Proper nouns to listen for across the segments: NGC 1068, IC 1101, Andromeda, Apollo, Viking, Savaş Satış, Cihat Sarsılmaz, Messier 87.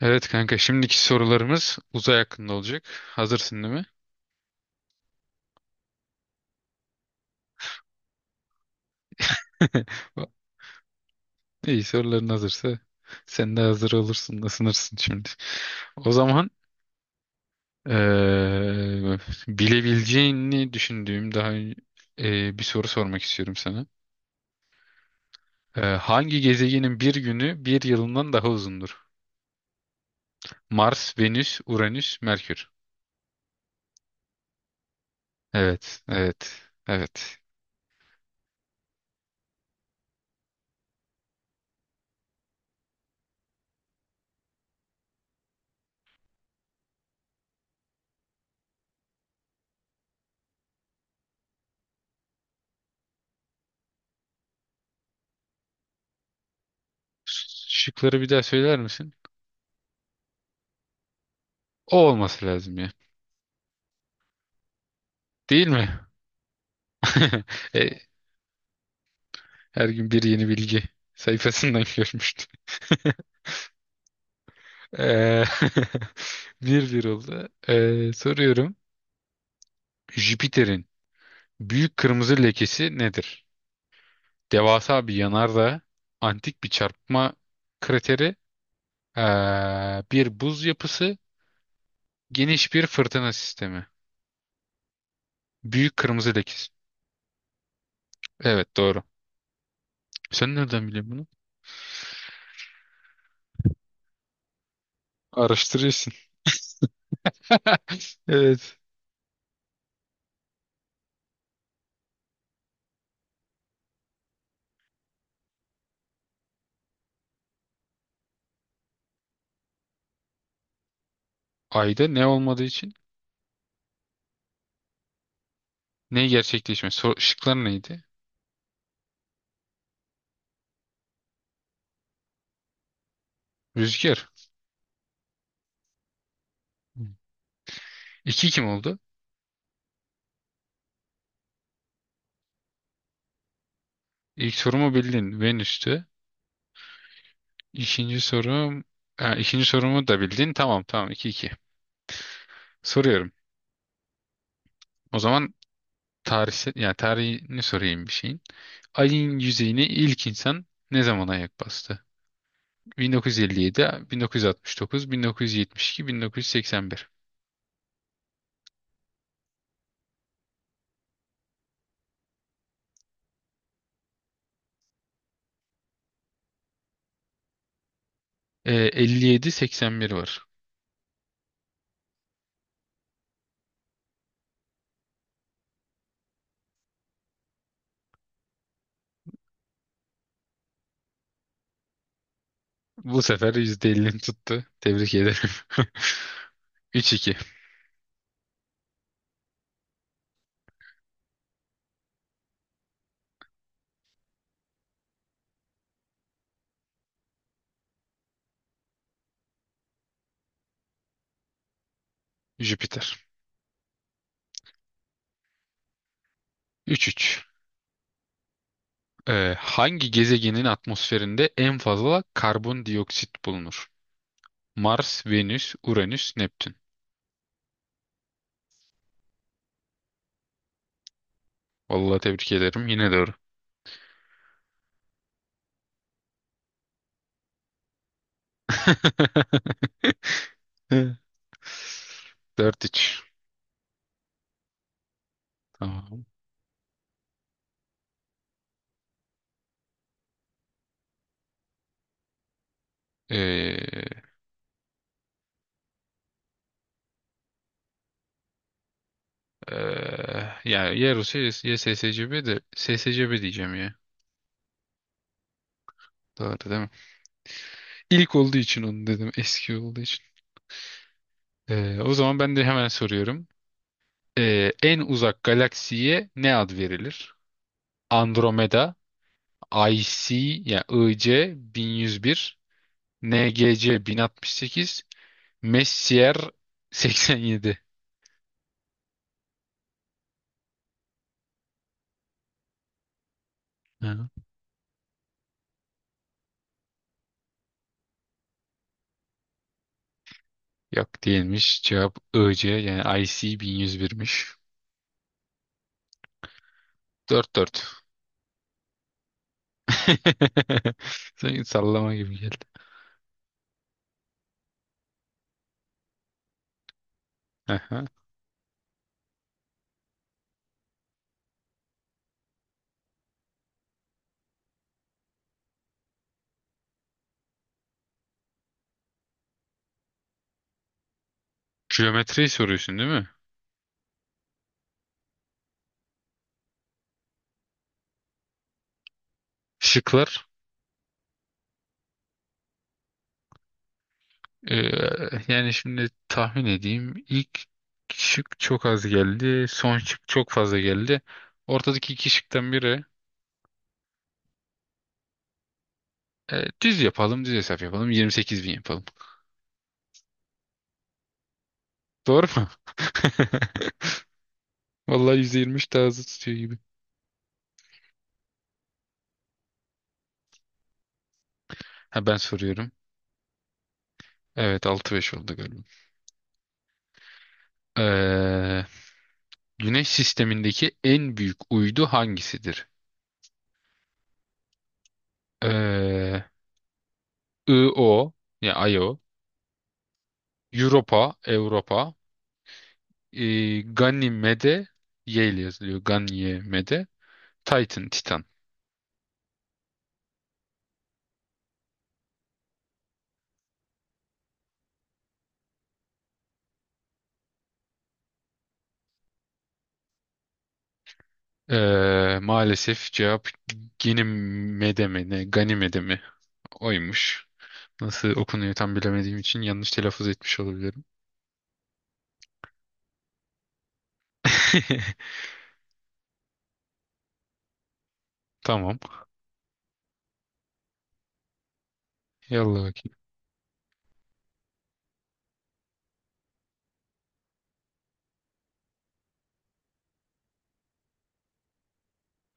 Evet kanka şimdiki sorularımız uzay hakkında olacak. Hazırsın değil mi? İyi soruların hazırsa sen de hazır olursun da sınırsın şimdi. O zaman eee, bilebileceğini düşündüğüm daha bir soru sormak istiyorum sana. Hangi gezegenin bir günü bir yılından daha uzundur? Mars, Venüs, Uranüs, Merkür. Evet, evet, evet. Şıkları bir daha söyler misin? O olması lazım ya. Değil mi? E, Her gün bir yeni bilgi sayfasından görmüştüm. Eee, 1-1 oldu. Soruyorum. Jüpiter'in büyük kırmızı lekesi nedir? Devasa bir yanardağ, antik bir çarpma krateri, bir buz yapısı, geniş bir fırtına sistemi. Büyük kırmızı lekesi. Evet, doğru. Sen nereden biliyorsun bunu? Araştırıyorsun. Evet. Ayda ne olmadığı için ne gerçekleşmez? Şıklar neydi? Rüzgar. İki kim oldu? İlk sorumu bildin. Venüs'tü. İkinci sorum... Ha, ikinci sorumu da bildin. Tamam, tamam, 2 iki. Soruyorum. O zaman tarihsel, yani tarihini sorayım bir şeyin. Ay'ın yüzeyine ilk insan ne zaman ayak bastı? 1957, 1969, 1972, 1981. 57, 81 var. Bu sefer %50'ni tuttu. Tebrik ederim. 3-2. Jüpiter. 3-3. Hangi gezegenin atmosferinde en fazla karbondioksit bulunur? Mars, Venüs, Uranüs, Neptün. Vallahi tebrik ederim. Yine doğru. 4-3. Tamam. Ee, Yani ya Yarus ya SSCB de SSCB diyeceğim ya. Doğru değil mi? İlk olduğu için onu dedim. Eski olduğu için. O zaman ben de hemen soruyorum. En uzak galaksiye ne ad verilir? Andromeda, IC yani IC 1101, NGC 1068, Messier 87. Ha. Yok, değilmiş. Cevap IC yani IC 1101'miş. 4-4. Sanki sallama gibi geldi. Aha. Geometriyi soruyorsun değil mi? Şıklar. Ee, Yani şimdi tahmin edeyim. İlk şık çok az geldi. Son şık çok fazla geldi. Ortadaki iki şıktan biri düz yapalım, düz hesap yapalım. 28 bin yapalım. Doğru mu? Vallahi %23 daha hızlı tutuyor gibi. Ha, ben soruyorum. Evet, 6-5 oldu galiba. Ee, Güneş sistemindeki en büyük uydu hangisidir? Ee, Io, yani Io, Europa, Europa, Ganymede, Y ile yazılıyor. Ganymede, Titan, Titan. Maalesef cevap Ganymede mi ne? Ganymede mi? Oymuş. Nasıl okunuyor tam bilemediğim için yanlış telaffuz etmiş olabilirim. Tamam. Yallah bakayım.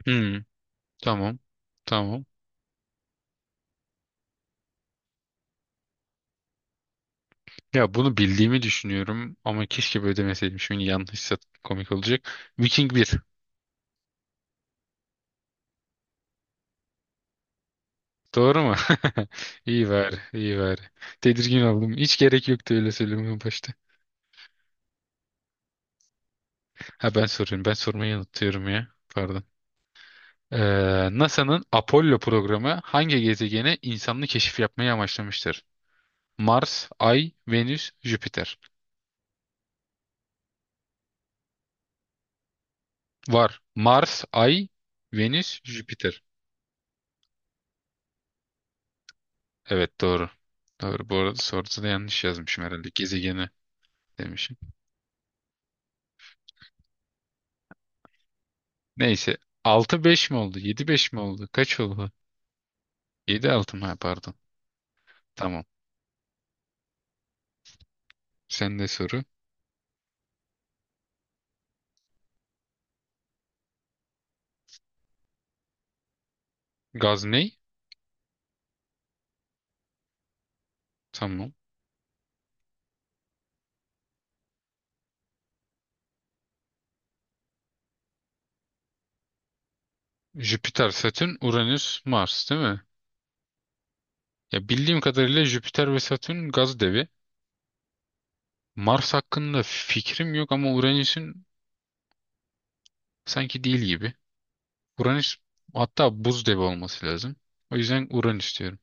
Hmm, tamam. Tamam. Ya, bunu bildiğimi düşünüyorum ama keşke böyle demeseydim. Şimdi yanlışsa komik olacak. Viking 1. Doğru mu? İyi bari, iyi bari. Tedirgin oldum. Hiç gerek yoktu öyle söylemeye başta. Ha, ben soruyorum. Ben sormayı unutuyorum ya. Pardon. NASA'nın Apollo programı hangi gezegene insanlı keşif yapmayı amaçlamıştır? Mars, Ay, Venüs, Jüpiter. Var. Mars, Ay, Venüs, Jüpiter. Evet, doğru. Doğru. Bu arada soruda da yanlış yazmışım herhalde. Gezegeni demişim. Neyse. 6-5 mi oldu? 7-5 mi oldu? Kaç oldu? 7-6 mı? Ha, pardon. Tamam. Sen de soru. Gaz ne? Tamam. Jüpiter, Satürn, Uranüs, Mars değil mi? Ya, bildiğim kadarıyla Jüpiter ve Satürn gaz devi. Mars hakkında fikrim yok ama Uranüs'ün sanki değil gibi. Uranüs hatta buz devi olması lazım. O yüzden Uranüs diyorum.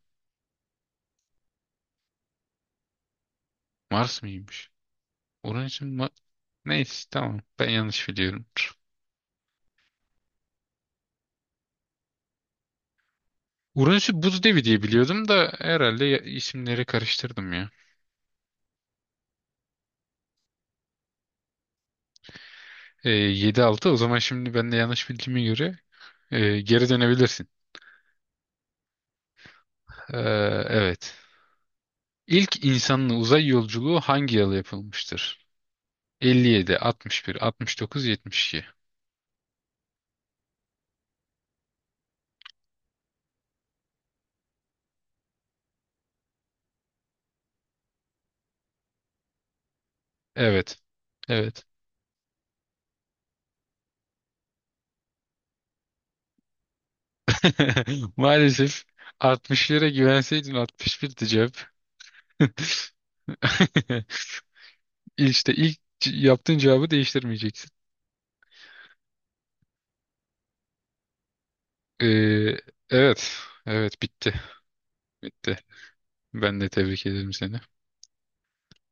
Mars mıymış? Uranüs'ün neyse tamam. Ben yanlış biliyorum. Uranüs'ü buz devi diye biliyordum da herhalde isimleri karıştırdım ya. 7-6, o zaman şimdi ben de yanlış bildiğime göre geri dönebilirsin. Ee, evet. İlk insanlı uzay yolculuğu hangi yıl yapılmıştır? 57, 61, 69, 72. Evet. Evet. Maalesef 60'lara güvenseydin 61'di cevap. İşte yaptığın cevabı değiştirmeyeceksin. Ee, evet. Evet, bitti. Bitti. Ben de tebrik ederim seni.